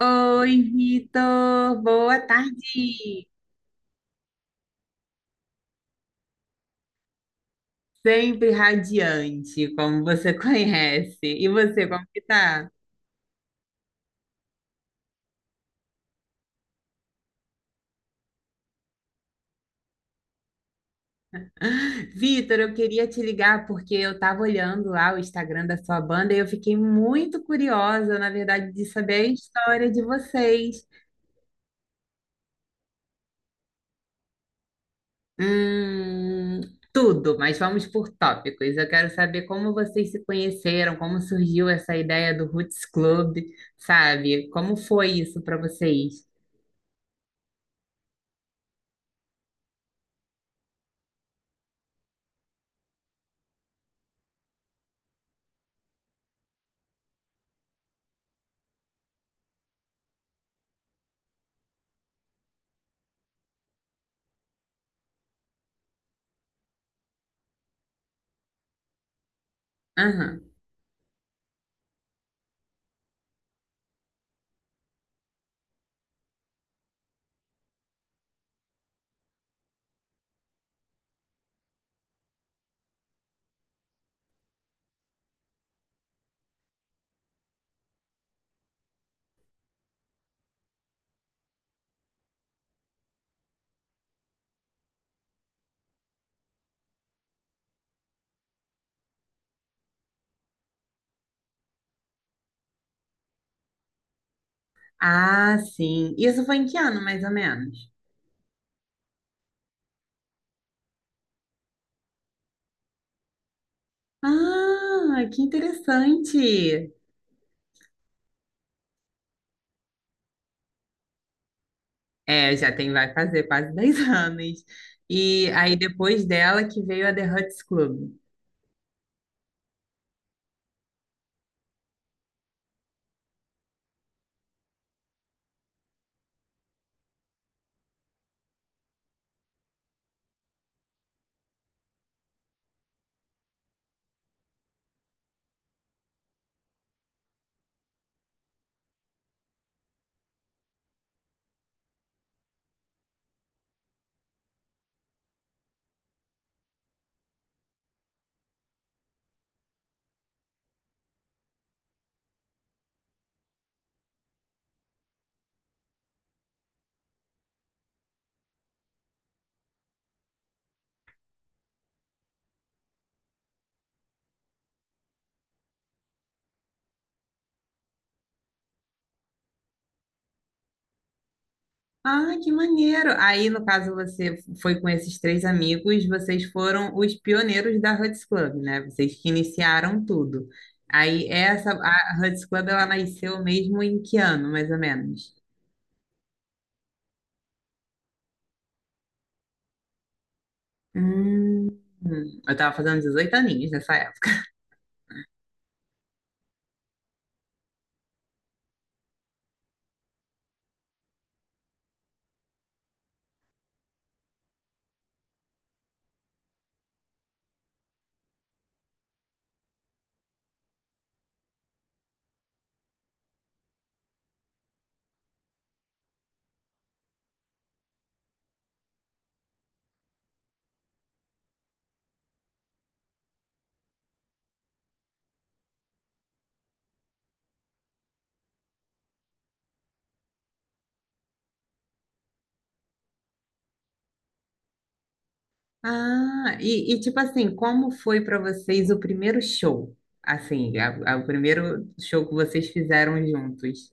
Oi, Vitor, boa tarde. Sempre radiante, como você conhece. E você, como que tá? Vitor, eu queria te ligar porque eu estava olhando lá o Instagram da sua banda e eu fiquei muito curiosa, na verdade, de saber a história de vocês. Hum, Tudo, mas vamos por tópicos. Eu quero saber como vocês se conheceram, como surgiu essa ideia do Roots Club, sabe? Como foi isso para vocês? Aham. Ah, sim. Isso foi em que ano, mais ou menos? Ah, que interessante. É, já tem, vai fazer quase 10 anos. E aí, depois dela, que veio a The Huts Club. Ah, que maneiro. Aí, no caso, você foi com esses três amigos, vocês foram os pioneiros da Huts Club, né? Vocês que iniciaram tudo. Aí, essa, a Huts Club, ela nasceu mesmo em que ano, mais ou menos? Hum, eu tava fazendo 18 aninhos nessa época. Ah, e, tipo assim, como foi para vocês o primeiro show? Assim, o primeiro show que vocês fizeram juntos.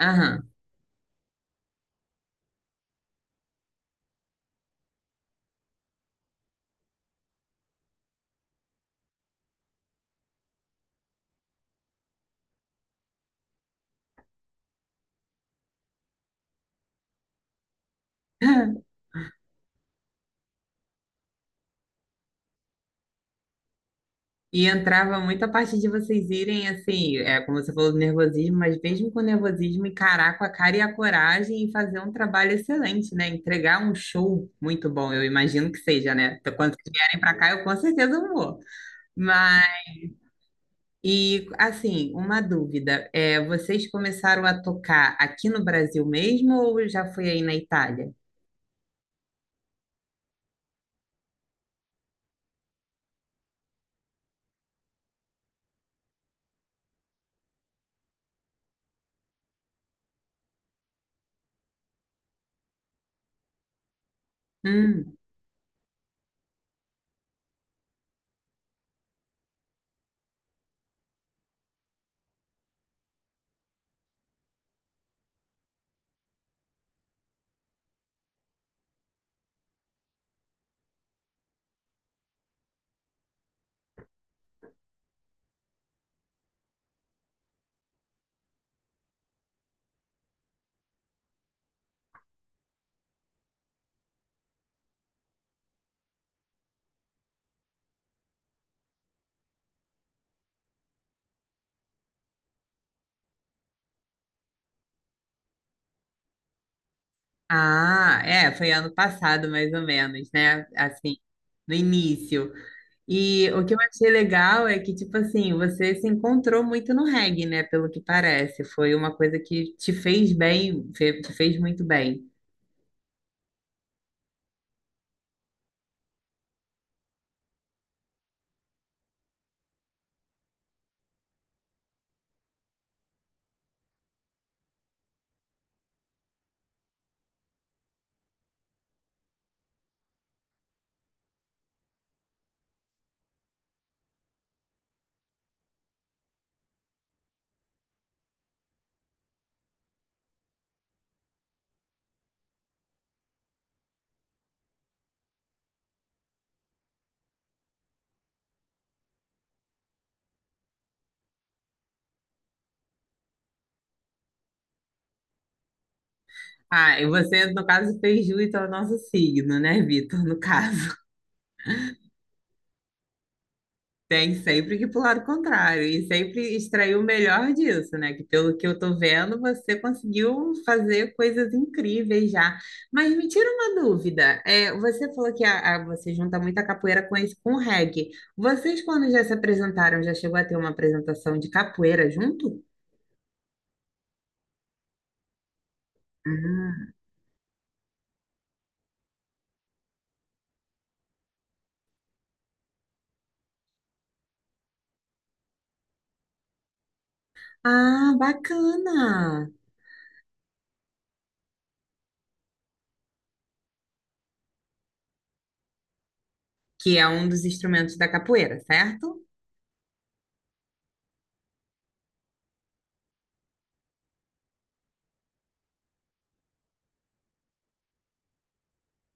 Aham. E entrava muita parte de vocês irem, assim, é, como você falou, do nervosismo, mas mesmo com o nervosismo, encarar com a cara e a coragem e fazer um trabalho excelente, né? Entregar um show muito bom, eu imagino que seja, né? Então, quando vocês vierem para cá, eu com certeza vou. E assim, uma dúvida, é, vocês começaram a tocar aqui no Brasil mesmo ou já foi aí na Itália? Hum, ah, é, foi ano passado mais ou menos, né? Assim, no início. E o que eu achei legal é que, tipo assim, você se encontrou muito no reggae, né? Pelo que parece, foi uma coisa que te fez bem, te fez muito bem. Ah, e você, no caso, fez jus ao nosso signo, né, Vitor, no caso. Tem sempre que pular lado contrário e sempre extrair o melhor disso, né? Que pelo que eu tô vendo, você conseguiu fazer coisas incríveis já. Mas me tira uma dúvida. É, você falou que você junta muita capoeira com esse, com o reggae. Vocês, quando já se apresentaram, já chegou a ter uma apresentação de capoeira junto? Hum. Ah, bacana! Que é um dos instrumentos da capoeira, certo?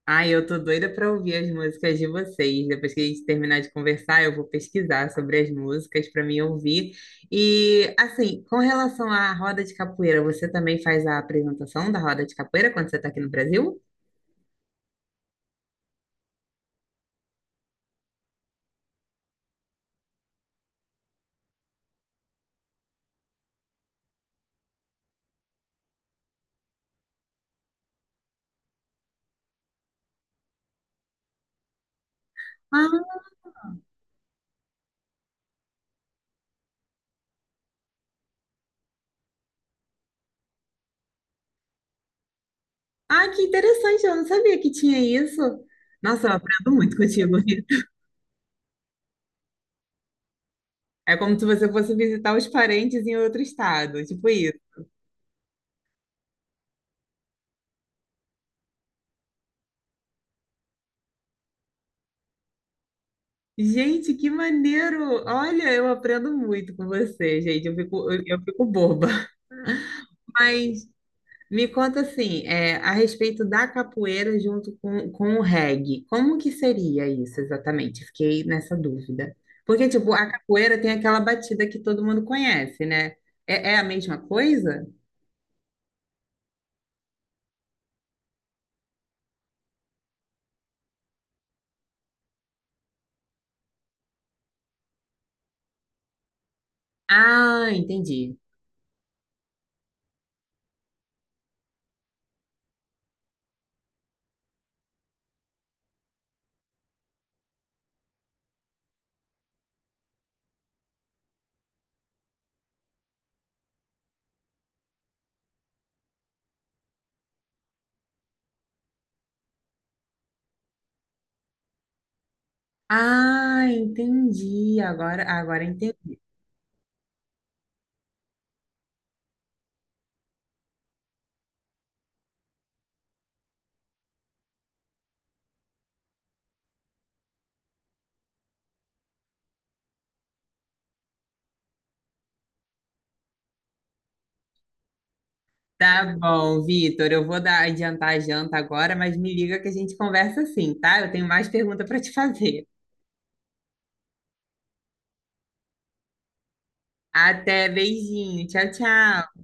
Ai, eu tô doida pra ouvir as músicas de vocês. Depois que a gente terminar de conversar, eu vou pesquisar sobre as músicas para mim ouvir. E assim, com relação à roda de capoeira, você também faz a apresentação da roda de capoeira quando você tá aqui no Brasil? Ah, ah, que interessante, eu não sabia que tinha isso. Nossa, eu aprendo muito contigo. É como se você fosse visitar os parentes em outro estado, tipo isso. Gente, que maneiro! Olha, eu aprendo muito com você, gente. Eu fico, eu fico boba. Mas me conta assim, é, a respeito da capoeira junto com o reggae, como que seria isso exatamente? Fiquei nessa dúvida. Porque, tipo, a capoeira tem aquela batida que todo mundo conhece, né? É, é a mesma coisa? Ah, entendi. Ah, entendi. Agora, agora entendi. Tá bom, Vitor, eu vou dar, adiantar a janta agora, mas me liga que a gente conversa assim, tá? Eu tenho mais pergunta para te fazer. Até, beijinho. Tchau, tchau.